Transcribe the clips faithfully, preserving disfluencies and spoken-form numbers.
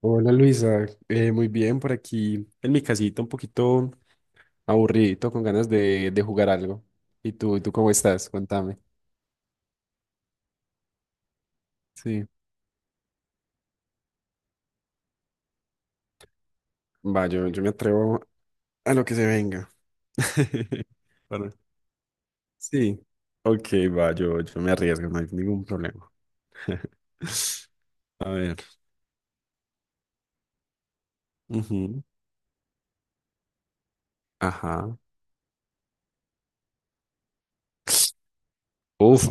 Hola Luisa. Eh, muy bien por aquí en mi casita, un poquito aburridito, con ganas de, de jugar algo. ¿Y tú, y tú cómo estás? Cuéntame. Sí, va, yo, yo me atrevo a lo que se venga. Bueno, sí, ok, va, yo, yo me arriesgo, no hay ningún problema. A ver, ujú, ajá. Uf,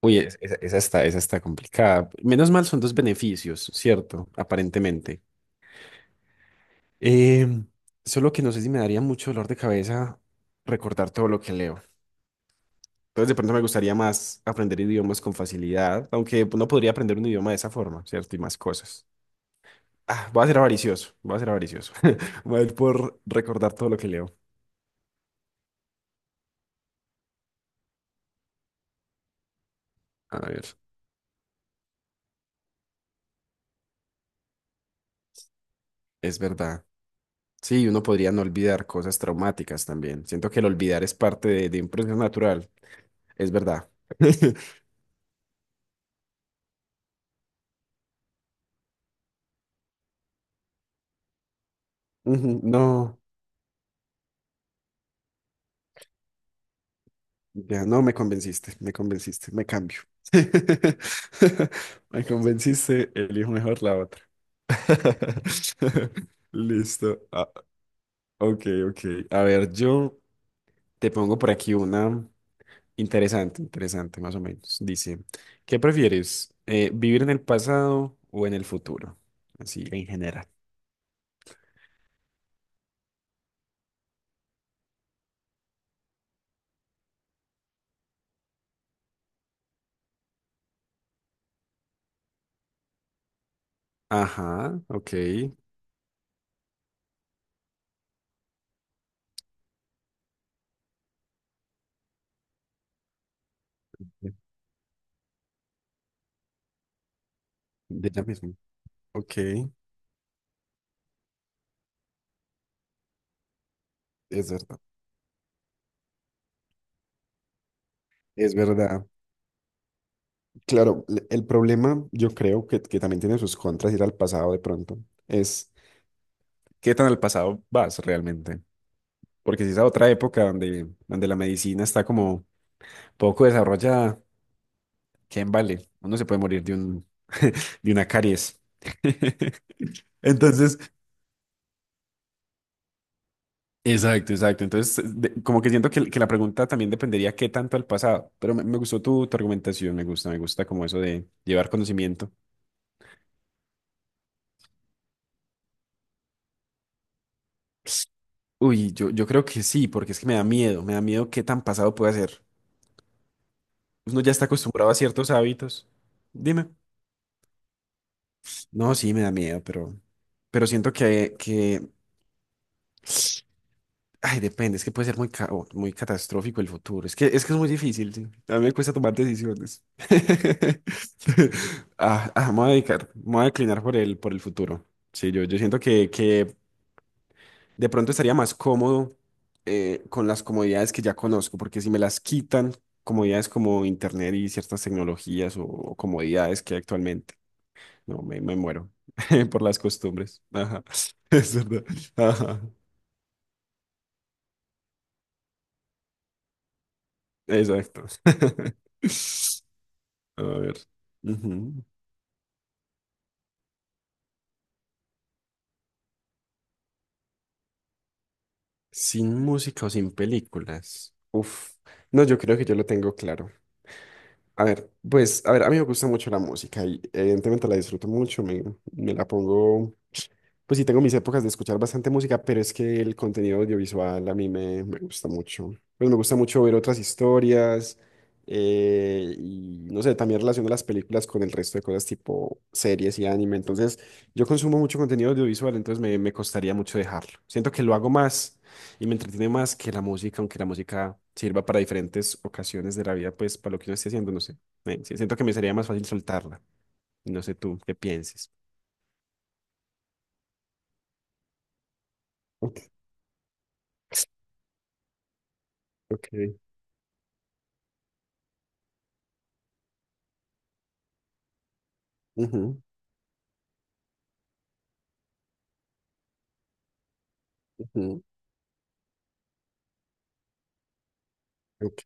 uy, es- Esa, esa está, esa está complicada. Menos mal son dos beneficios, ¿cierto? Aparentemente. Em, Solo que no sé si me daría mucho dolor de cabeza recordar todo lo que leo. Entonces, de pronto me gustaría más aprender idiomas con facilidad, aunque pues, no podría aprender un idioma de esa forma, ¿cierto? Y más cosas. Ah, voy a ser avaricioso, voy a ser avaricioso. Voy a ir por recordar todo lo que leo. A ver, es verdad. Sí, uno podría no olvidar cosas traumáticas también. Siento que el olvidar es parte de, de un proceso natural. Es verdad. Ujú, no. Ya, no me convenciste, me convenciste, me cambio. Me convenciste, elijo mejor la otra. Listo. Ah, ok, ok. A ver, yo te pongo por aquí una interesante, interesante, más o menos. Dice, ¿qué prefieres? Eh, ¿vivir en el pasado o en el futuro? Así, en general. Ajá, ok. De de ya mismo. Ok, es verdad. Es verdad. Claro, l- el problema yo creo que, que también tiene sus contras ir al pasado de pronto. Es qué tan al pasado vas realmente. Porque si es a otra época donde, donde la medicina está como poco desarrollada, ¿quién vale? Uno se puede morir de un, de una caries. Entonces, exacto, exacto. Entonces, de- como que siento que, que la pregunta también dependería qué tanto al pasado. Pero me, me gustó tu, tu argumentación, me gusta, me gusta como eso de llevar conocimiento. Uy, yo, yo creo que sí, porque es que me da miedo, me da miedo qué tan pasado puede ser. Uno ya está acostumbrado a ciertos hábitos. Dime. No, sí, me da miedo, pero, pero siento que, que, ay, depende, es que puede ser muy, ca- o muy catastrófico el futuro. Es que, es que es muy difícil, sí. A mí me cuesta tomar decisiones. Ah, ah, me voy a dedicar, me voy a declinar por el, por el futuro. Sí, yo, yo siento que, que de pronto estaría más cómodo eh, con las comodidades que ya conozco, porque si me las quitan, comodidades como internet y ciertas tecnologías o, o comodidades que hay actualmente, no, me, me muero por las costumbres. Ajá, es verdad. Ajá, exacto. A ver. Ujú. Sin música o sin películas. Uf. No, yo creo que yo lo tengo claro. A ver, pues, a ver, a mí me gusta mucho la música y evidentemente la disfruto mucho, me, me la pongo. Pues sí, tengo mis épocas de escuchar bastante música, pero es que el contenido audiovisual a mí me, me gusta mucho. Pues me gusta mucho ver otras historias, eh, y no sé, también relaciono las películas con el resto de cosas tipo series y anime. Entonces, yo consumo mucho contenido audiovisual, entonces me, me costaría mucho dejarlo. Siento que lo hago más y me entretiene más que la música, aunque la música sirva para diferentes ocasiones de la vida, pues para lo que uno esté haciendo, no sé. Eh, sí, siento que me sería más fácil soltarla. No sé tú qué pienses. Ok. Ok. Ujú. Mm, ok,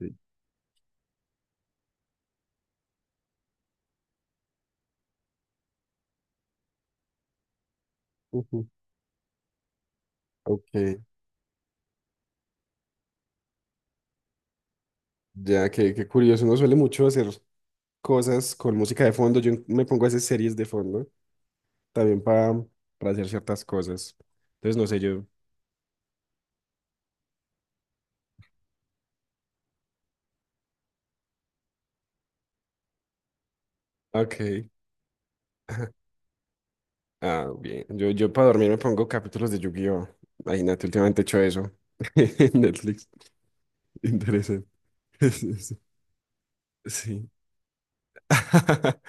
ujú, ok. Ya, que qué qué curioso. Uno suele mucho hacer cosas con música de fondo. Yo me pongo a hacer series de fondo también para, para hacer ciertas cosas. Entonces, no sé, yo. Ok. Ah, bien. Yo, yo para dormir me pongo capítulos de Yu-Gi-Oh! Ay, Nati, últimamente he hecho eso. En Netflix. Interesante. Sí.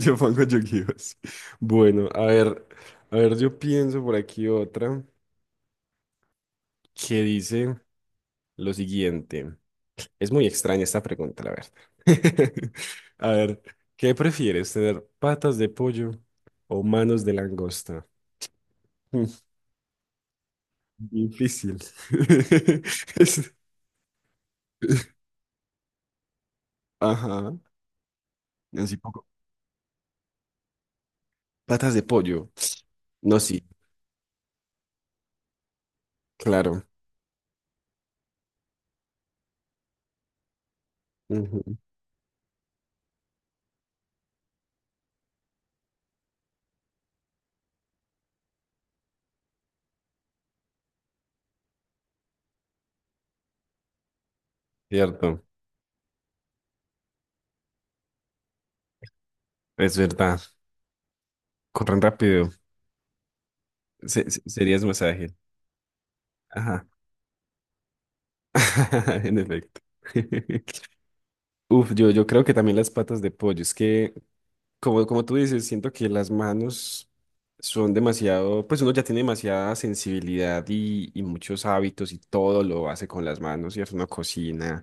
Yo pongo Yu-Gi-Oh! Sí. Bueno, a ver. A ver, yo pienso por aquí otra que dice. Lo siguiente, es muy extraña esta pregunta, la verdad. A ver, ¿qué prefieres, tener patas de pollo o manos de langosta? Mm, Difícil. Es- Ajá, así poco. Patas de pollo. No, sí, claro. Ujú, cierto, es verdad. Corren rápido. Se- se- serías más ágil. Ajá, en efecto. Uf, yo, yo creo que también las patas de pollo. Es que como, como tú dices, siento que las manos son demasiado, pues uno ya tiene demasiada sensibilidad y, y muchos hábitos y todo lo hace con las manos, ¿cierto? Uno cocina,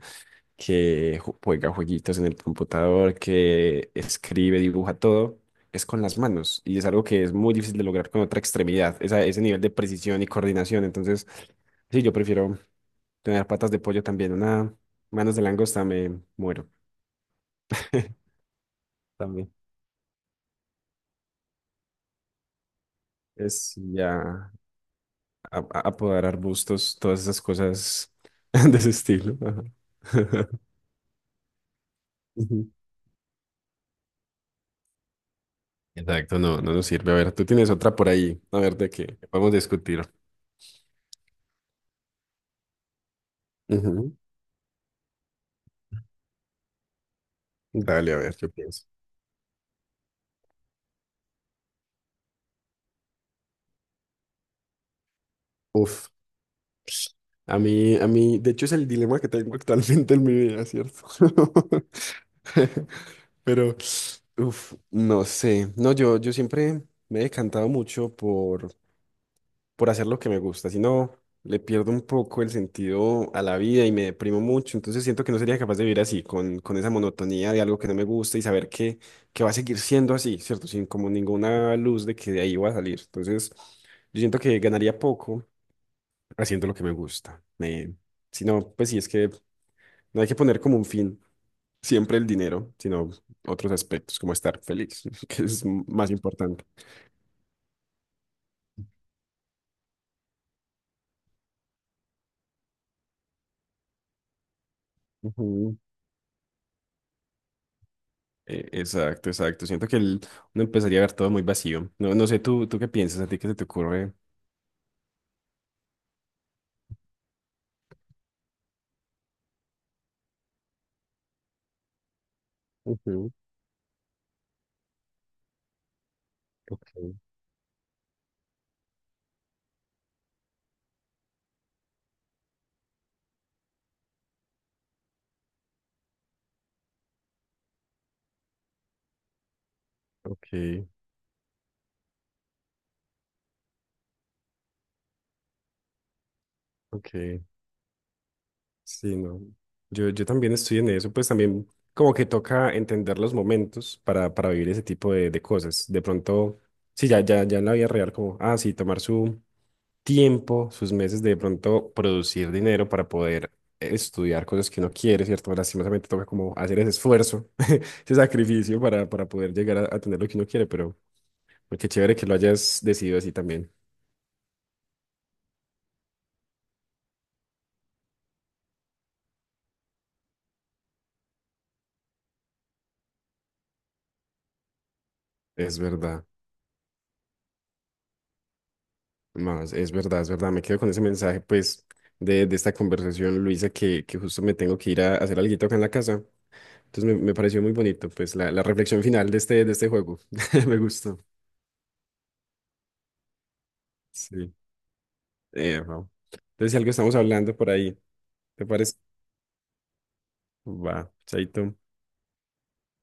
que ju- juega jueguitos en el computador, que escribe, dibuja, todo es con las manos y es algo que es muy difícil de lograr con otra extremidad, esa- ese nivel de precisión y coordinación. Entonces, sí, yo prefiero tener patas de pollo también, una manos de langosta me muero también. Es ya. A- a- apoderar bustos, todas esas cosas de ese estilo. Ajá. Ujú. Exacto, no, no nos sirve. A ver, tú tienes otra por ahí, a ver de qué podemos discutir. Ujú. Dale, a ver, yo pienso. Uf, a mí, a mí, de hecho es el dilema que tengo actualmente en mi vida, ¿cierto? Pero, uf, no sé. No, yo, yo siempre me he decantado mucho por, por hacer lo que me gusta, si no, le pierdo un poco el sentido a la vida y me deprimo mucho, entonces siento que no sería capaz de vivir así, con, con esa monotonía de algo que no me gusta y saber que, que va a seguir siendo así, ¿cierto? Sin como ninguna luz de que de ahí va a salir. Entonces, yo siento que ganaría poco haciendo lo que me gusta. Me, si no, pues sí, es que no hay que poner como un fin siempre el dinero, sino otros aspectos, como estar feliz, que es más importante. Ujú. Eh, Exacto, exacto. Siento que el- uno empezaría a ver todo muy vacío. No, no sé, tú, tú qué piensas, a ti qué se te ocurre. Ujú, ok, ok. Sí, no. Yo, yo también estoy en eso, pues también como que toca entender los momentos para, para vivir ese tipo de, de cosas. De pronto, sí, ya, ya, ya en la vida real, como, ah, sí, tomar su, tiempo, sus meses de pronto producir dinero para poder estudiar cosas que uno quiere, ¿cierto? Lastimosamente toca como hacer ese esfuerzo, ese sacrificio para, para poder llegar a, a tener lo que uno quiere, pero pero qué chévere que lo hayas decidido así también. Es verdad, más, es verdad, es verdad. Me quedo con ese mensaje, pues, de, de esta conversación, Luisa, que, que justo me tengo que ir a, hacer alguito acá en la casa. Entonces me, me pareció muy bonito, pues, la, la reflexión final de este, de este juego. Me gustó. Sí. Eh, no. Entonces, si algo estamos hablando por ahí, ¿te parece? Va, chaito.